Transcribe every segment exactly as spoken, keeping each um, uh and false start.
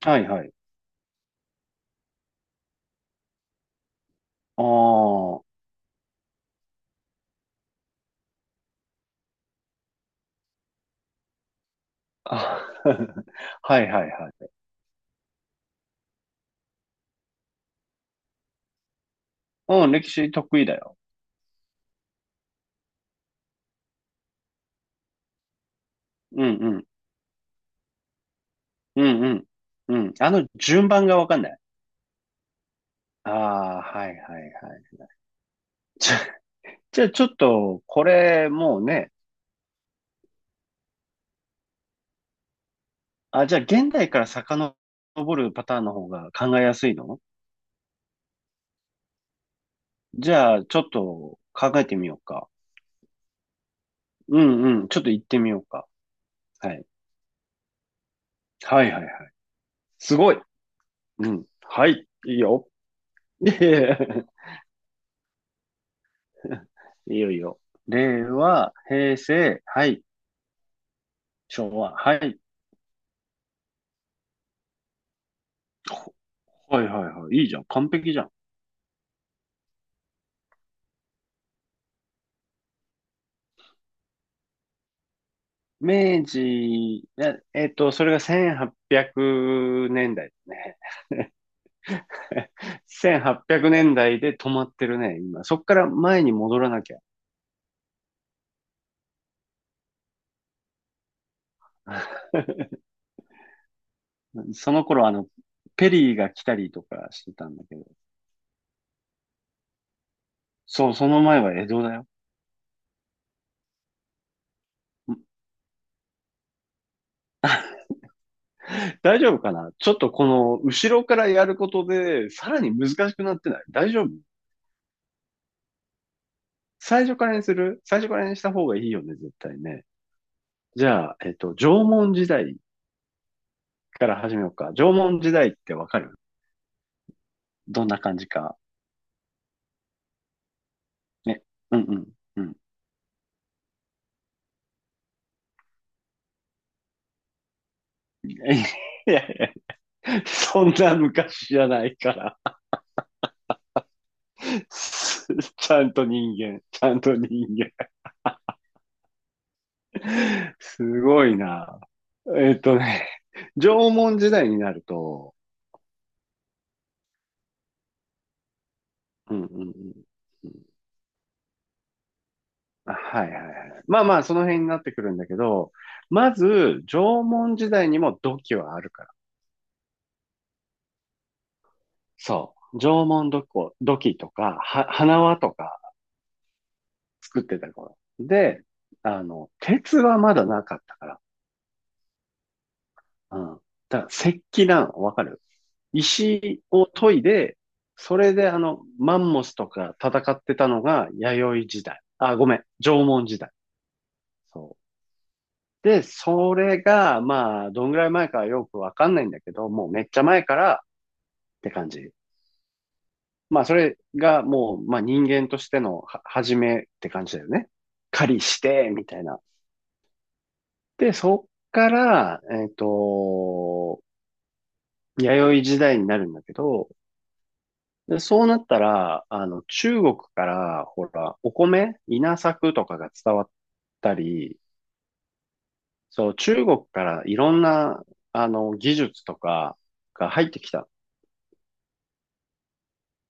はいはい。あーあ。はいはいはい。うん、歴史得意だよ。うんうん。うんうん。うん。あの、順番がわかんない。ああ、はいはいはい。じゃ、じゃあちょっと、これ、もうね。あ、じゃあ現代から遡るパターンの方が考えやすいの？じゃあ、ちょっと考えてみようか。うんうん。ちょっと行ってみようか。はい。はいはいはい。すごい。うん。はい。いいよ。いえいえ。 いいよいいよ。令和、平成、はい、昭和、はい。ほはいはいはい。いいじゃん。完璧じゃん。明治、え、えっと、それがせんはっぴゃくねんだいねんだいね。せんはっぴゃくねんだいで止まってるね、今。そっから前に戻らなきゃ。その頃、あの、ペリーが来たりとかしてたんだけど。そう、その前は江戸だよ。大丈夫かな、ちょっとこの、後ろからやることで、さらに難しくなってない？大丈夫？最初からにする最初からにした方がいいよね、絶対ね。じゃあ、えっと、縄文時代から始めようか。縄文時代ってわかる？どんな感じか。ね。うんうん。うん。いやいや、そんな昔じゃないから。すちゃんと人間。ちゃんと人間。すごいな。えっとね、縄文時代になると、うんうんうん。はいはいはい。まあまあ、その辺になってくるんだけど、まず、縄文時代にも土器はあるから。そう。縄文土器、土器とか、は、花輪とか作ってた頃。で、あの、鉄はまだなかったから。うん。だから石器なの、わかる？石を研いで、それであの、マンモスとか戦ってたのが弥生時代。あ、ごめん、縄文時代。そう。で、それが、まあ、どんぐらい前かよくわかんないんだけど、もうめっちゃ前からって感じ。まあ、それがもう、まあ、人間としてのは始めって感じだよね。狩りして、みたいな。で、そっから、えっと、弥生時代になるんだけど、で、そうなったら、あの、中国から、ほら、お米、稲作とかが伝わったり、そう、中国からいろんな、あの、技術とかが入ってきた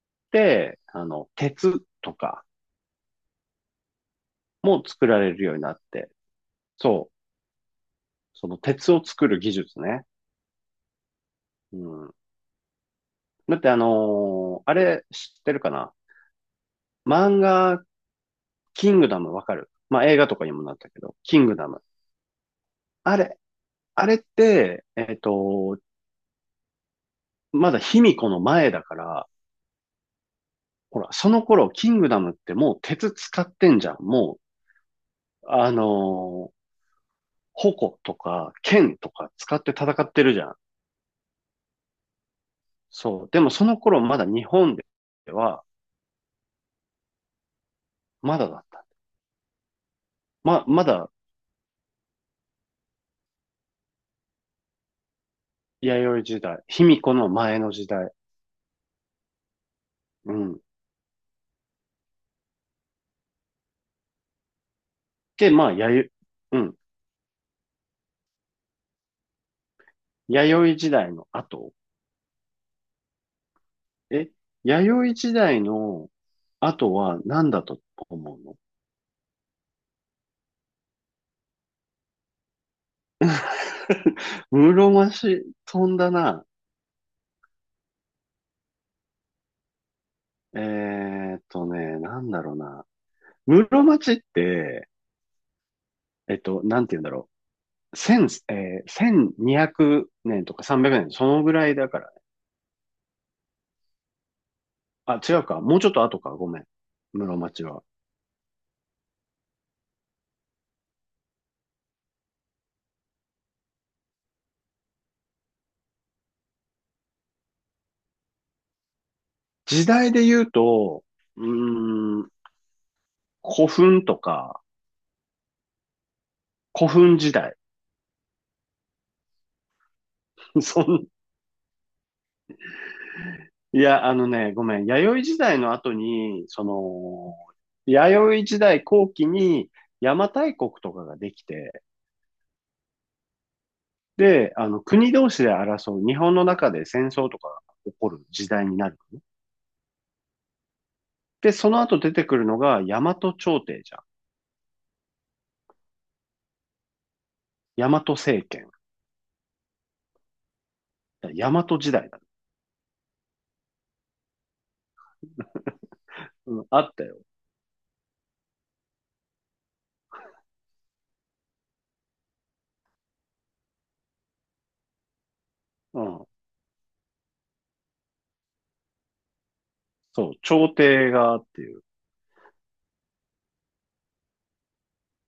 って、あの、鉄とかも作られるようになって、そう、その鉄を作る技術ね。うん。だってあのーあれ知ってるかな？漫画、キングダムわかる？まあ映画とかにもなったけど、キングダム。あれ、あれって、えっと、まだ卑弥呼の前だから、ほら、その頃、キングダムってもう鉄使ってんじゃん。もう、あのー矛とか剣とか使って戦ってるじゃん。そう。でもその頃まだ日本では、まだだった。ま、まだ、弥生時代、卑弥呼の前の時代。うん。で、まあ、弥生、うん。弥生時代の後。え、弥生時代の後は何だと思うの？ 室町飛んだな。えーっとね、なんだろうな。室町って、えっと、なんて言うんだろう。千、えー、せんにひゃくねんとかさんびゃくねん、そのぐらいだから、あ、違うか。もうちょっと後か。ごめん。室町は。時代で言うと、うーん、古墳とか、古墳時代。そん、いや、あのね、ごめん。弥生時代の後に、その、弥生時代後期に邪馬台国とかができて、で、あの、国同士で争う、日本の中で戦争とかが起こる時代になるのね。で、その後出てくるのが大和朝廷じゃん。大和政権。大和時代だね。うん、あったよ。うん。そう、朝廷がっていう。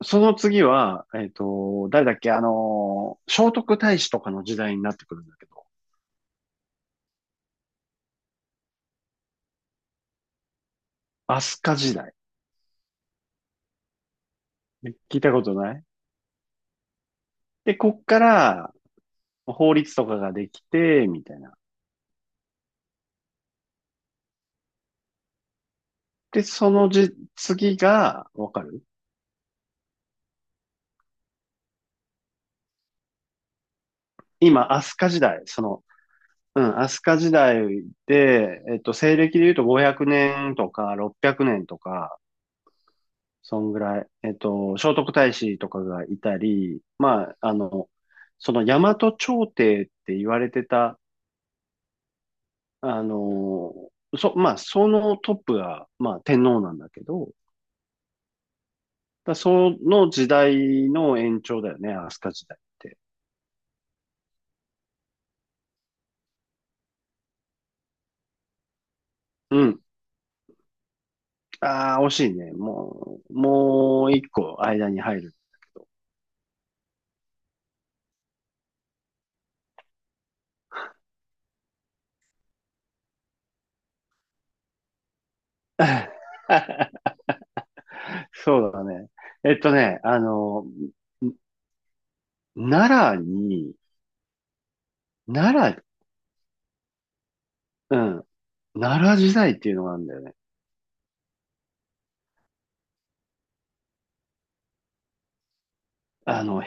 その次は、えっと、誰だっけ、あのー、聖徳太子とかの時代になってくるんだけど、飛鳥時代。ね、聞いたことない？で、こっから法律とかができて、みたいな。で、そのじ、次が、わかる？今、飛鳥時代、その、うん、飛鳥時代で、えっと、西暦で言うとごひゃくねんとかろっぴゃくねんとか、そんぐらい。えっと、聖徳太子とかがいたり、まあ、あの、その大和朝廷って言われてた、あの、そ、まあ、そのトップが、まあ、天皇なんだけど、だその時代の延長だよね、飛鳥時代って。うん。ああ、惜しいね。もう、もう一個間に入るんだけど。そうだね。えっとね、あの、ん奈良に、奈良、うん。奈良時代っていうのがあるんだよね。あの、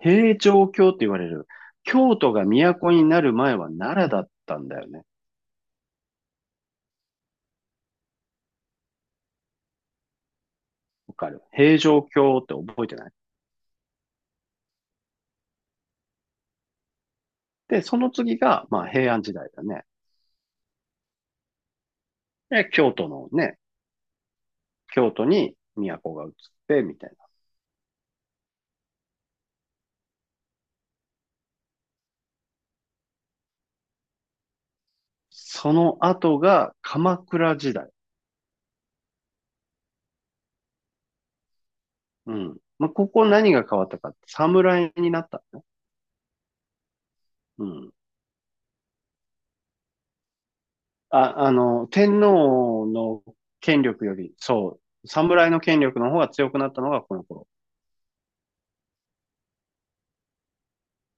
平城京って言われる、京都が都になる前は奈良だったんだよね。わかる？平城京って覚えてない？で、その次が、まあ、平安時代だね。で、京都のね、京都に都が移って、みたいな。その後が鎌倉時代。うん。まあ、ここ何が変わったかって、侍になったのね。うん。あ、あの、天皇の権力より、そう、侍の権力の方が強くなったのがこの頃。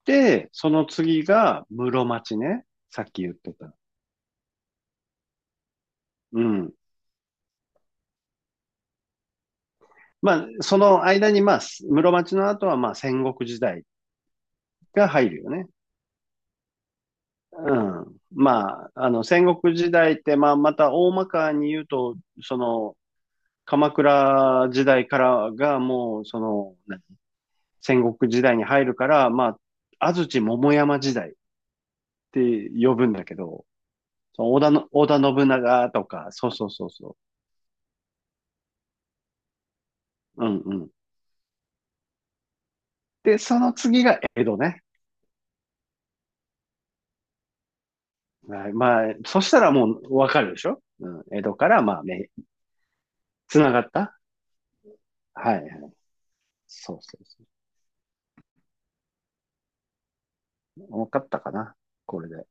で、その次が室町ね。さっき言ってた。うん。まあ、その間に、まあ、室町の後は、まあ、戦国時代が入るよね。うん。まあ、あの、戦国時代って、まあ、また大まかに言うと、その、鎌倉時代からがもう、その、戦国時代に入るから、まあ、安土桃山時代って呼ぶんだけど、その織田の、織田信長とか、そうそうそうそう。うんうん。で、その次が江戸ね。はい。まあ、そしたらもうわかるでしょ？うん。江戸から、まあ、め、つながった？はいはい。そうそうそう。わかったかな、これで。